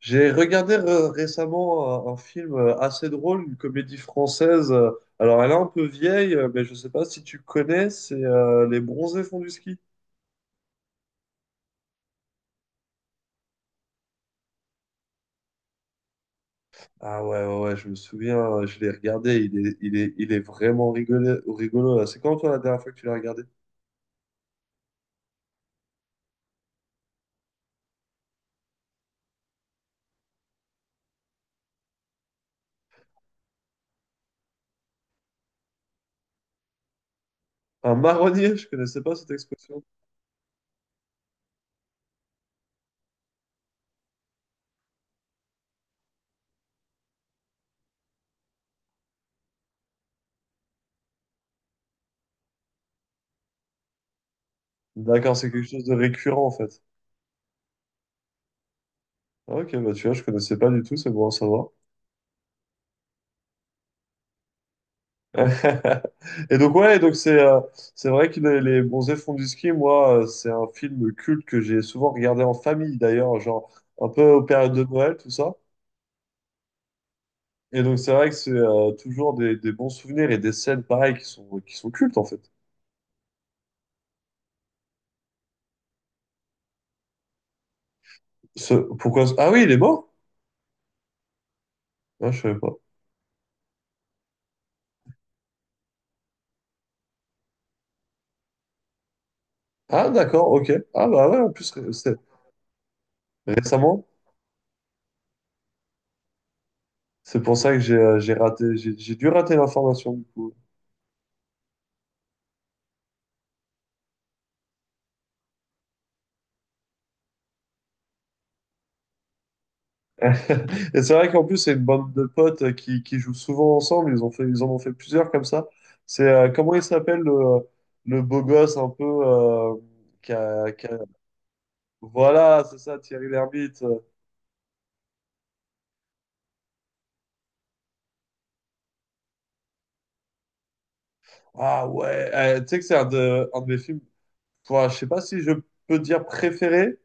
J'ai regardé récemment un film assez drôle, une comédie française. Alors, elle est un peu vieille, mais je ne sais pas si tu connais, c'est Les Bronzés font du ski. Ah ouais, ouais, ouais, je me souviens, je l'ai regardé, il est vraiment rigolo. Là. C'est quand toi la dernière fois que tu l'as regardé? Un marronnier, je connaissais pas cette expression. D'accord, c'est quelque chose de récurrent en fait. Ah, ok, bah tu vois, je connaissais pas du tout, c'est bon à savoir. Et donc, ouais, donc c'est vrai que les Bronzés font du ski. Moi, c'est un film culte que j'ai souvent regardé en famille, d'ailleurs, genre un peu aux périodes de Noël, tout ça. Et donc, c'est vrai que c'est toujours des bons souvenirs et des scènes pareilles qui sont cultes, en fait. Pourquoi... Ah oui, il est mort? Ah, je savais pas. Ah, d'accord, ok. Ah, bah ouais, en plus, récemment, c'est pour ça que j'ai raté, j'ai dû rater l'information, du coup. Et c'est vrai qu'en plus, c'est une bande de potes qui jouent souvent ensemble. Ils ont fait, ils en ont fait plusieurs comme ça. C'est comment il s'appelle le beau gosse un peu qui a- qui a- Voilà, c'est ça, Thierry Lhermitte. Ah ouais, tu sais que c'est un de mes films. Enfin, je sais pas si je peux dire préféré,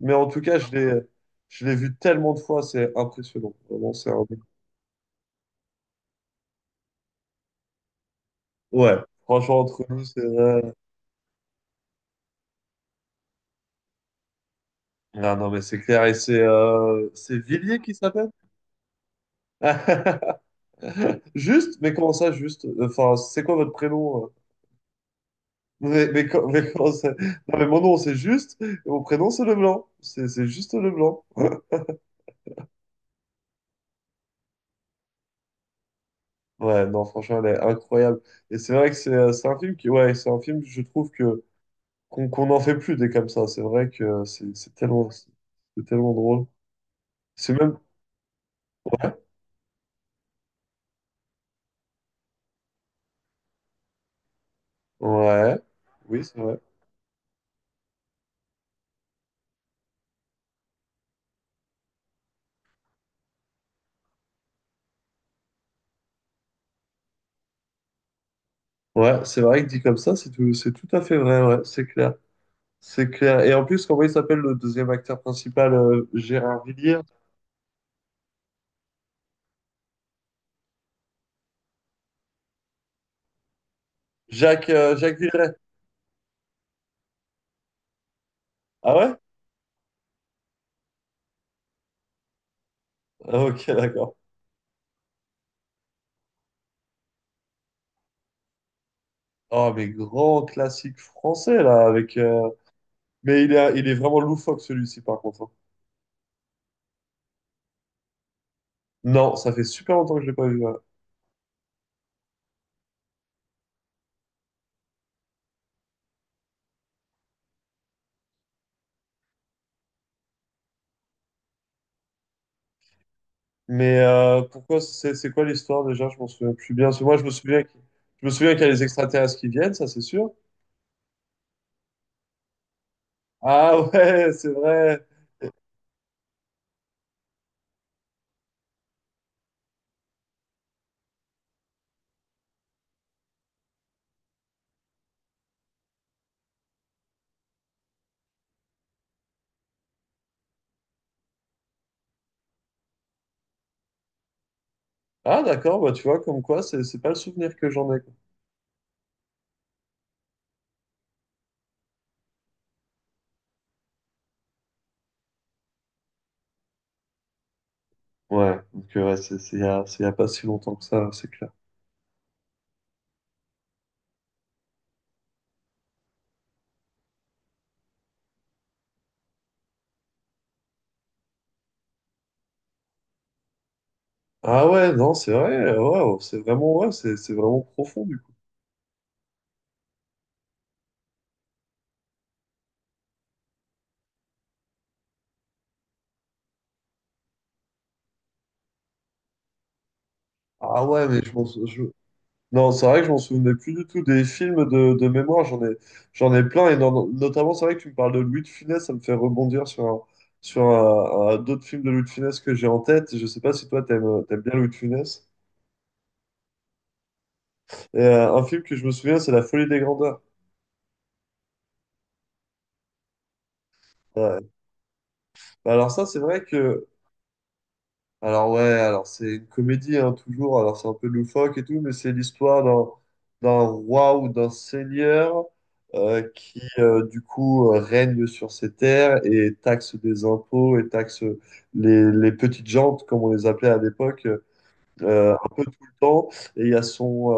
mais en tout cas, je l'ai vu tellement de fois, c'est impressionnant. Vraiment, c'est un... Ouais, franchement, entre nous, c'est... Non, non, mais c'est clair. Et c'est Villiers qui s'appelle? Juste, mais comment ça, juste? Enfin, c'est quoi votre prénom? Mais, mais comment ça? Non, mais mon nom, c'est juste, et mon prénom, c'est Leblanc. C'est juste Leblanc. Ouais, non, franchement, elle est incroyable. Et c'est vrai que c'est un film qui, ouais, c'est un film, je trouve que qu'on n'en fait plus des comme ça. C'est vrai que c'est tellement, c'est tellement drôle. C'est même, ouais, oui, c'est vrai. Ouais, c'est vrai que dit comme ça, c'est tout à fait vrai, ouais, c'est clair. C'est clair. Et en plus, comment il s'appelle le deuxième acteur principal, Gérard Villiers? Jacques, Jacques Villeret. Ah ouais? Ah, ok, d'accord. Oh, mais grand classique français, là, avec... Mais il est vraiment loufoque, celui-ci, par contre. Hein. Non, ça fait super longtemps que je l'ai pas vu. Ouais. Mais pourquoi... C'est quoi l'histoire, déjà? Je m'en souviens plus bien. Parce que moi, je me souviens qu'il y a les extraterrestres qui viennent, ça, c'est sûr. Ah ouais, c'est vrai. Ah, d'accord, bah tu vois, comme quoi, c'est pas le souvenir que j'en ai. Quoi. Ouais, donc ouais, c'est il y a pas si longtemps que ça, c'est clair. Ah ouais, non, c'est vrai, ouais, oh, c'est vraiment, ouais, c'est vraiment profond, du coup. Ah ouais, mais je m'en sou- je- Non, c'est vrai que je m'en souvenais plus du tout des films de mémoire, j'en ai plein, et notamment, c'est vrai que tu me parles de Louis de Funès, ça me fait rebondir sur d'autres films de Louis de Funès que j'ai en tête, je sais pas si toi t'aimes bien Louis de Funès. Et, un film que je me souviens, c'est La Folie des Grandeurs. Ouais. Bah alors ça, c'est vrai que alors ouais, alors c'est une comédie hein, toujours, alors c'est un peu loufoque et tout, mais c'est l'histoire d'un roi ou d'un seigneur qui règne sur ses terres et taxe des impôts et taxe les petites gens, comme on les appelait à l'époque, un peu tout le temps. Et il y a son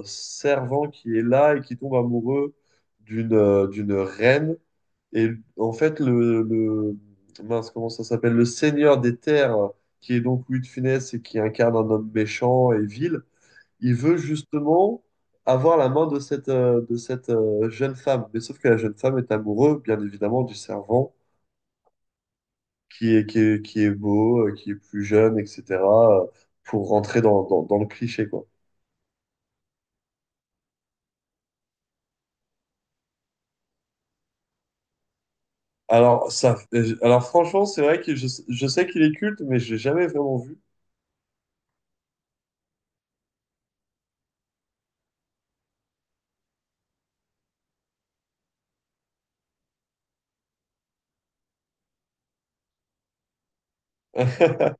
servant qui est là et qui tombe amoureux d'une reine. Et en fait, mince, comment ça s'appelle? Le Seigneur des Terres, qui est donc Louis de Funès et qui incarne un homme méchant et vil, il veut justement avoir la main de cette, jeune femme. Mais sauf que la jeune femme est amoureuse, bien évidemment, du servant qui est beau, qui est plus jeune, etc., euh, pour rentrer dans le cliché, quoi. Alors, ça, alors franchement, c'est vrai que je sais qu'il est culte, mais je l'ai jamais vraiment vu.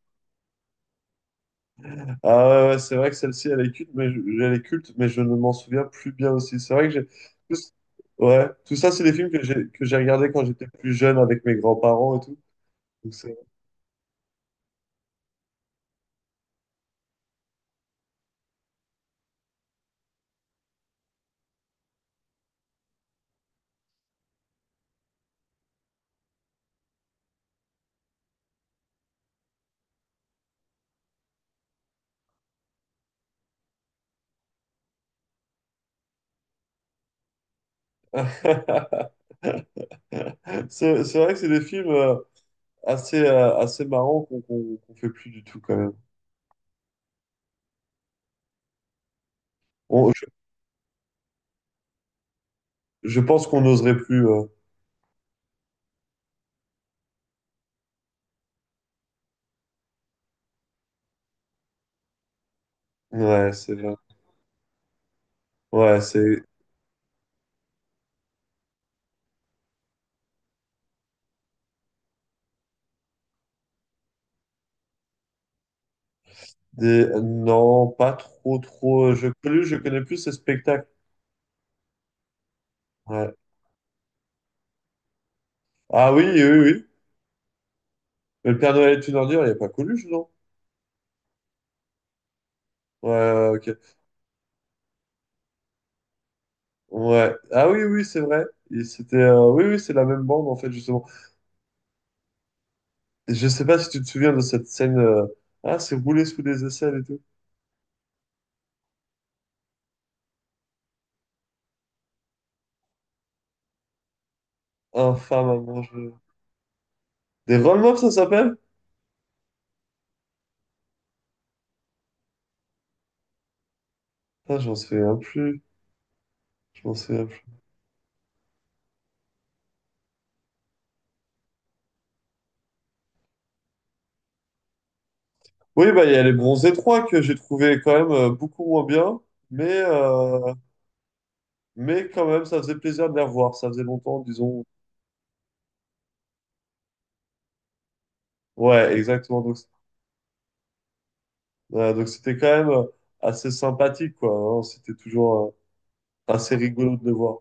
Ah ouais, ouais, c'est vrai que celle-ci, elle est culte, mais je ne m'en souviens plus bien aussi. C'est vrai que j'ai... tout c- Ouais, tout ça, c'est des films que j'ai regardés quand j'étais plus jeune avec mes grands-parents et tout. Donc, c'est c'est vrai que c'est des films assez marrants qu'on fait plus du tout quand même. On- je, je pense qu'on n'oserait plus. Euh. Ouais, c'est vrai. Ouais, c'est des... Non, pas trop, trop. Je connais plus ces spectacles. Ouais. Ah oui, oui, oui. Mais le Père Noël est une ordure, il n'y a pas Coluche, non? Ouais, ok. Ouais. Ah oui, oui, c'est vrai. Il c'était, oui, oui, c'est la même bande, en fait, justement. Et je sais pas si tu te souviens de cette scène. Ah, c'est roulé sous des aisselles et tout. Infâme à manger. Des roll ça s'appelle? Ah, j'en souviens plus. Je m'en souviens plus. Oui, bah, il y a les Bronzés 3 que j'ai trouvé quand même beaucoup moins bien. Mais, euh, mais quand même, ça faisait plaisir de les revoir. Ça faisait longtemps, disons. Ouais, exactement. Donc, ouais, donc c'était quand même assez sympathique, quoi. Hein. C'était toujours. Ah, c'est rigolo de le voir.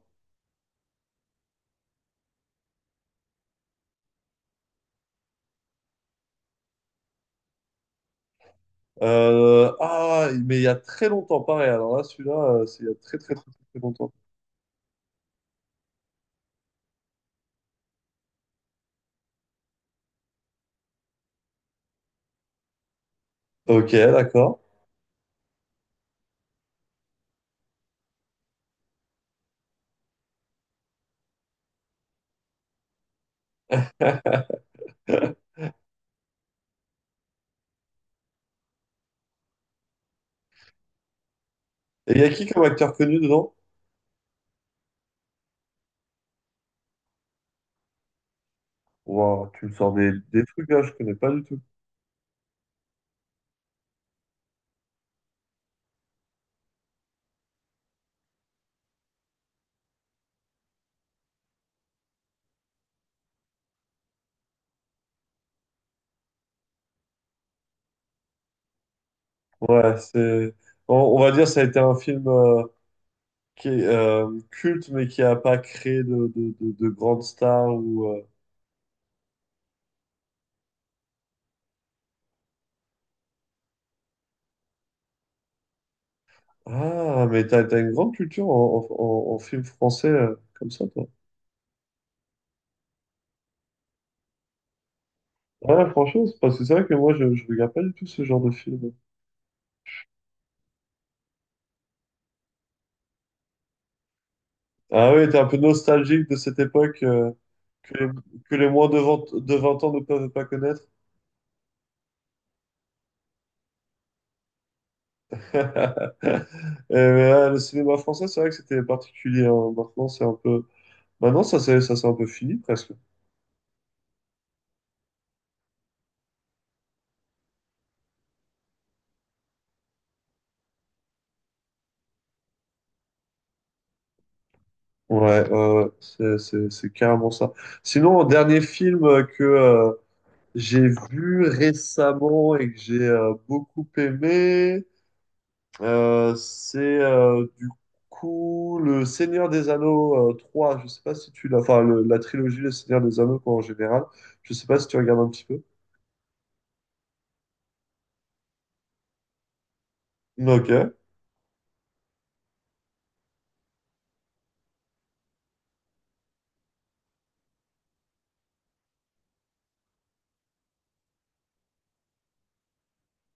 Ah, mais il y a très longtemps, pareil. Alors là, celui-là, c'est il y a très, très, très, très, très longtemps. Ok, d'accord. Et il y a qui comme acteur connu dedans? Wow, tu me sors des trucs là, je connais pas du tout. Ouais, c'est. On va dire, ça a été un film qui est culte, mais qui a pas créé de grandes stars ou. Euh. Ah, mais t'as une grande culture en film français comme ça, toi. Ouais, franchement, c'est parce que c'est vrai que moi, je regarde pas du tout ce genre de film. Ah oui, t'es un peu nostalgique de cette époque que les, que les moins de 20 ans ne peuvent pas connaître. Et, mais, ah, le cinéma français, c'est vrai que c'était particulier. Hein. Maintenant, c'est un peu... Maintenant, ça c'est un peu fini presque. Ouais, c'est carrément ça. Sinon, dernier film que j'ai vu récemment et que j'ai beaucoup aimé, c'est du coup le Seigneur des Anneaux 3. Je sais pas si tu l'as. Enfin, la trilogie Le Seigneur des Anneaux quoi, en général. Je sais pas si tu regardes un petit peu. Ok.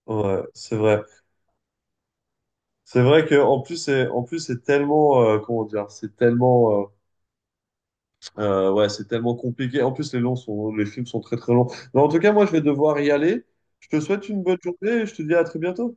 Ouais, c'est vrai. C'est vrai que en plus c'est tellement ouais, c'est tellement compliqué. En plus les films sont très très longs. Mais en tout cas, moi je vais devoir y aller. Je te souhaite une bonne journée et je te dis à très bientôt.